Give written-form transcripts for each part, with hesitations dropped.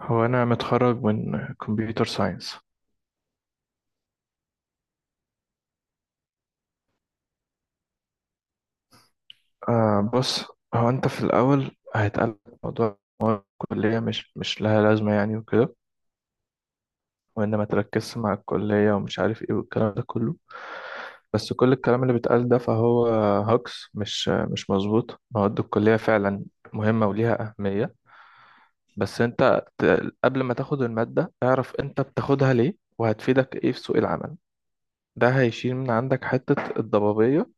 هو أنا متخرج من كمبيوتر ساينس. بص، هو أنت في الأول هيتقال موضوع مواد الكلية مش لها لازمة يعني وكده، وإن ما تركزش مع الكلية ومش عارف إيه والكلام ده كله. بس كل الكلام اللي بيتقال ده فهو هاكس، مش مظبوط. مواد الكلية فعلا مهمة وليها أهمية. بس قبل ما تاخد المادة اعرف أنت بتاخدها ليه وهتفيدك إيه في سوق العمل. ده هيشيل من عندك حتة الضبابية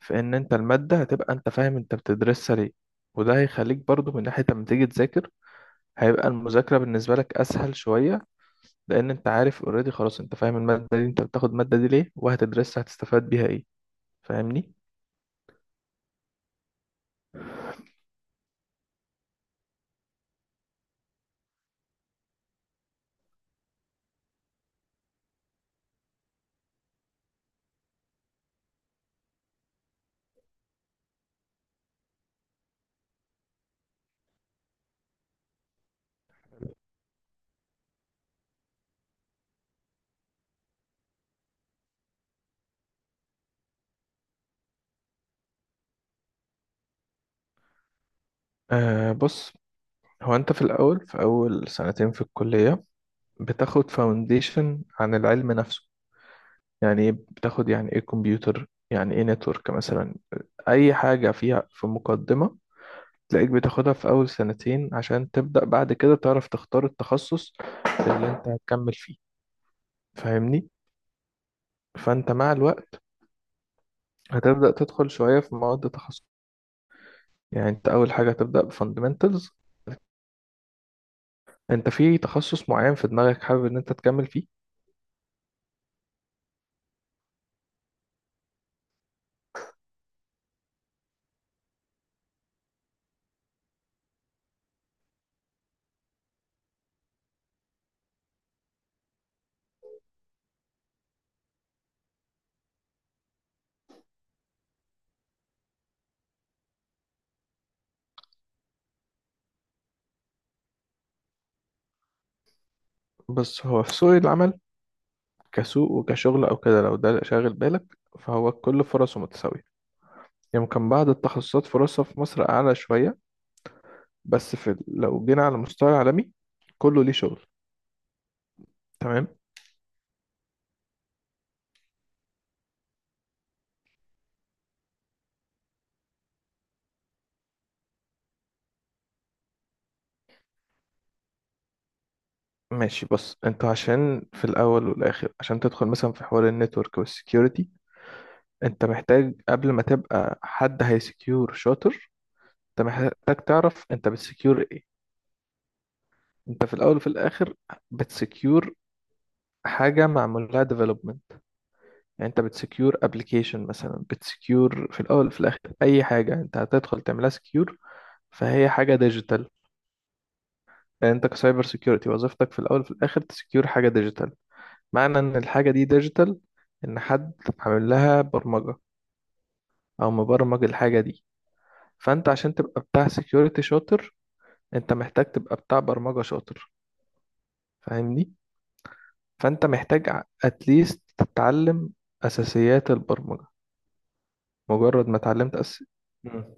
في ان انت المادة هتبقى انت فاهم انت بتدرسها ليه. وده هيخليك برضو من ناحية لما تيجي تذاكر هيبقى المذاكرة بالنسبة لك اسهل شوية، لان انت عارف اوريدي خلاص، انت فاهم المادة دي، انت بتاخد المادة دي ليه وهتدرسها هتستفاد بيها ايه. فاهمني؟ بص، هو انت في الاول في اول سنتين في الكلية بتاخد فاونديشن عن العلم نفسه. يعني ايه بتاخد، يعني ايه كمبيوتر، يعني ايه نتورك مثلا، اي حاجة فيها في مقدمة تلاقيك بتاخدها في أول سنتين عشان تبدأ بعد كده تعرف تختار التخصص اللي أنت هتكمل فيه. فاهمني؟ فأنت مع الوقت هتبدأ تدخل شوية في مواد تخصص. يعني أنت أول حاجة هتبدأ بفاندمنتالز. أنت في تخصص معين في دماغك حابب إن أنت تكمل فيه. بس هو في سوق العمل كسوق وكشغل أو كده، لو ده شاغل بالك فهو كل فرصه متساوية. يمكن بعض التخصصات فرصها في مصر أعلى شوية، بس في لو جينا على مستوى عالمي كله ليه شغل. تمام. ماشي، بص انت عشان في الاول والاخر عشان تدخل مثلا في حوار النتورك والسكيورتي، انت محتاج قبل ما تبقى حد هيسكيور شاطر، انت محتاج تعرف انت بتسكيور ايه. انت في الاول وفي الاخر بتسكيور حاجه معمول لها ديفلوبمنت. يعني انت بتسكيور ابلكيشن مثلا، بتسكيور في الاول وفي الاخر اي حاجه انت هتدخل تعملها سكيور فهي حاجه ديجيتال. يعني انت كسايبر سكيورتي وظيفتك في الاول وفي الاخر تسكيور حاجه ديجيتال. معنى ان الحاجة دي ديجيتال ان حد عامل لها برمجة او مبرمج الحاجة دي. فانت عشان تبقى بتاع سيكيورتي شاطر انت محتاج تبقى بتاع برمجة شاطر. فاهمني. فانت محتاج اتليست تتعلم اساسيات البرمجة. مجرد ما اتعلمت أس... مم.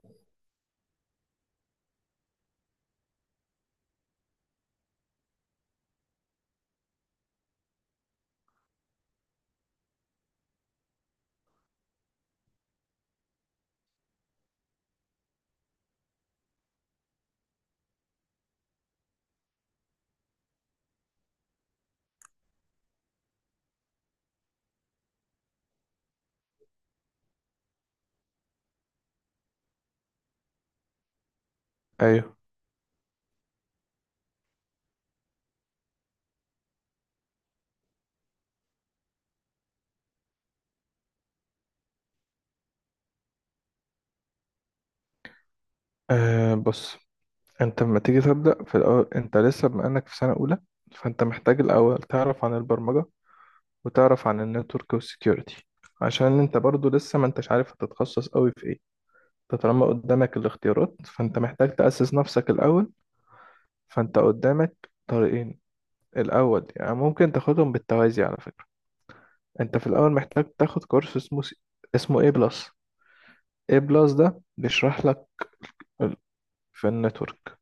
ايوه. أه بص، انت لما تيجي تبدأ في الأول انت لسه بما انك في سنة اولى، فانت محتاج الاول تعرف عن البرمجة وتعرف عن النتورك والسكيورتي، عشان انت برضو لسه ما انتش عارف هتتخصص قوي في ايه. انت طالما قدامك الاختيارات فانت محتاج تأسس نفسك الأول. فانت قدامك طريقين. الأول يعني ممكن تاخدهم بالتوازي على فكرة. انت في الأول محتاج تاخد كورس اسمه A بلس. A بلس ده بيشرح لك ال- في النتورك.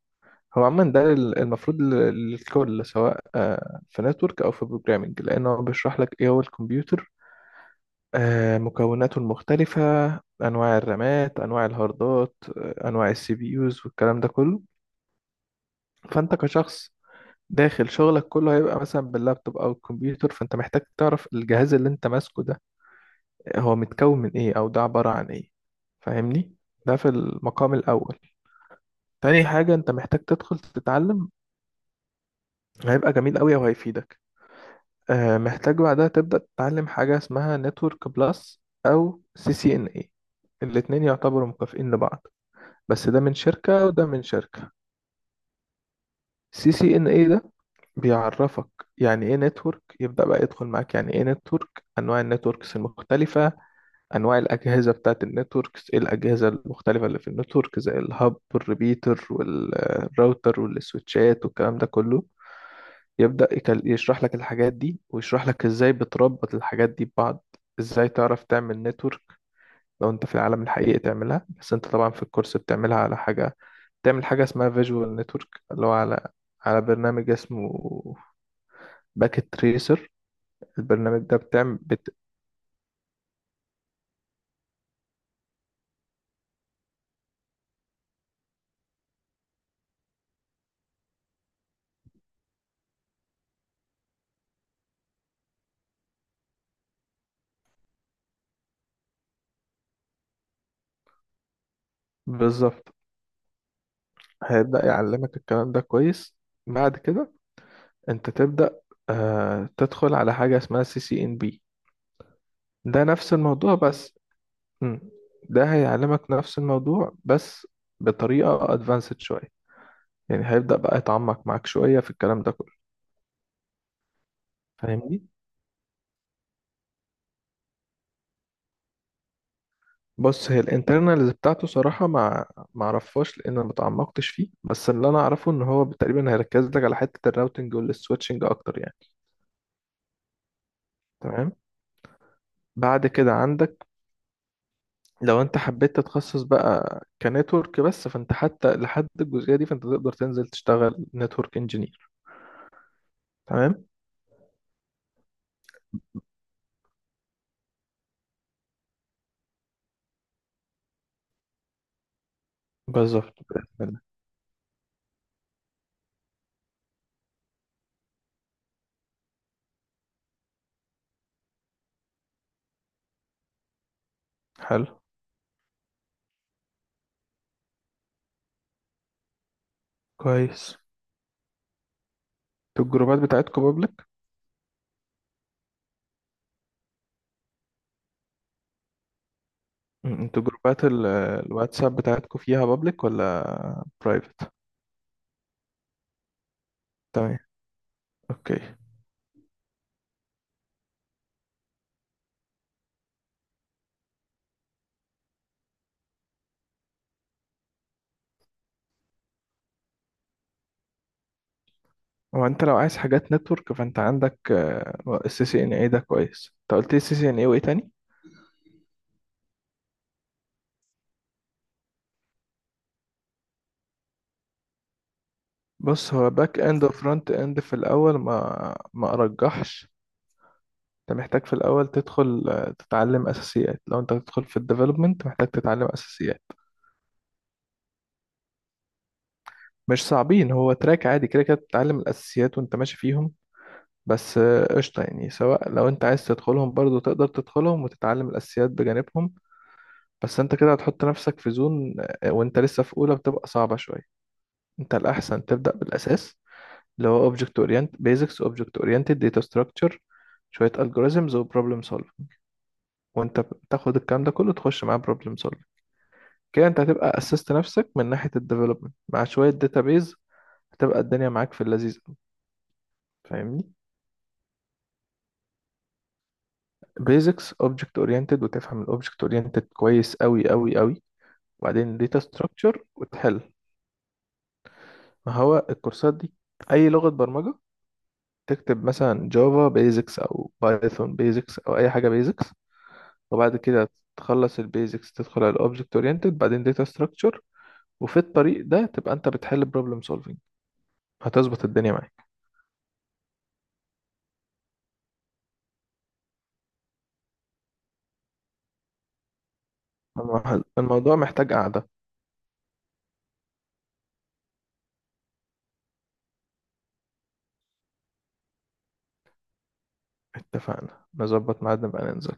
هو عموما المفروض للكل سواء في نتورك أو في بروجرامنج، لأنه بيشرح لك إيه هو الكمبيوتر، مكوناته المختلفة، أنواع الرامات، أنواع الهاردات، أنواع السي بي يوز والكلام ده كله. فأنت كشخص داخل شغلك كله هيبقى مثلا باللابتوب او الكمبيوتر، فانت محتاج تعرف الجهاز اللي انت ماسكه ده هو متكون من ايه او ده عبارة عن ايه. فاهمني. ده في المقام الاول. تاني حاجة انت محتاج تدخل تتعلم، هيبقى جميل قوي وهيفيدك. آه، محتاج بعدها تبدأ تتعلم حاجة اسمها نتورك بلس او سي سي ان اي. الاتنين يعتبروا مكافئين لبعض، بس ده من شركة وده من شركة. سي سي ان اي ده بيعرفك يعني ايه نتورك، يبدأ بقى يدخل معاك يعني ايه نتورك، انواع النتوركس المختلفة، انواع الاجهزة بتاعت النتوركس، ايه الاجهزة المختلفة اللي في النتورك زي الهب والريبيتر والراوتر والسويتشات والكلام ده كله. يبدأ يشرح لك الحاجات دي، ويشرح لك ازاي بتربط الحاجات دي ببعض. ازاي تعرف تعمل نتورك لو انت في العالم الحقيقي تعملها، بس انت طبعا في الكورس بتعملها على حاجة. تعمل حاجة اسمها فيجوال نتورك اللي هو على على برنامج اسمه باكيت تريسر. البرنامج ده بتعمل بت... بالظبط. هيبدأ يعلمك الكلام ده كويس. بعد كده انت تبدأ آه تدخل على حاجة اسمها سي سي ان بي. ده نفس الموضوع بس. مم. ده هيعلمك نفس الموضوع بس بطريقة ادفانسد شوية، يعني هيبدأ بقى يتعمق معاك شوية في الكلام ده كله. فاهمني؟ بص، هي الانترنالز بتاعته صراحة ما اعرفهاش، لان انا ما تعمقتش فيه، بس اللي انا اعرفه ان هو تقريبا هيركز لك على حتة الراوتنج والسويتشنج اكتر يعني. تمام. بعد كده عندك لو انت حبيت تتخصص بقى كنتورك بس، فانت حتى لحد الجزئية دي فانت تقدر تنزل تشتغل نتورك انجينير. تمام، بالظبط بإذن الله. حلو. كويس. انتوا الجروبات بتاعتكم بابليك؟ انتوا جروبات الواتساب بتاعتكم فيها بابليك ولا برايفت؟ تمام، اوكي. هو انت لو عايز حاجات نتورك فانت عندك السي سي ان اي، ده كويس. انت قلت لي سي سي ان اي وايه تاني؟ بص، هو باك اند وفرونت اند في الاول ما ارجحش. انت محتاج في الاول تدخل تتعلم اساسيات. لو انت هتدخل في الديفلوبمنت محتاج تتعلم اساسيات. مش صعبين، هو تراك عادي كده كده بتتعلم الاساسيات وانت ماشي فيهم. بس قشطه يعني، سواء لو انت عايز تدخلهم برضو تقدر تدخلهم وتتعلم الاساسيات بجانبهم. بس انت كده هتحط نفسك في زون، وانت لسه في اولى بتبقى صعبه شويه. انت الاحسن تبدا بالاساس، اللي هو object orient basics، object oriented، data structure، شويه algorithms و problem solving. وانت تاخد الكلام ده كله تخش معاه problem solving. كده انت هتبقى اسست نفسك من ناحيه الديفلوبمنت، مع شويه database هتبقى الدنيا معاك في اللذيذ أوي. فاهمني، basics object oriented، وتفهم ال object oriented كويس قوي قوي قوي، وبعدين data structure وتحل. ما هو الكورسات دي اي لغه برمجه. تكتب مثلا جافا بيزكس او بايثون بيزكس او اي حاجه بيزكس، وبعد كده تخلص البيزكس تدخل على الاوبجكت اورينتد، بعدين داتا ستراكشر، وفي الطريق ده تبقى انت بتحل بروبلم سولفنج، هتظبط الدنيا معاك. الموضوع محتاج قعدة. اتفقنا نظبط ميعاد نبقى ننزل.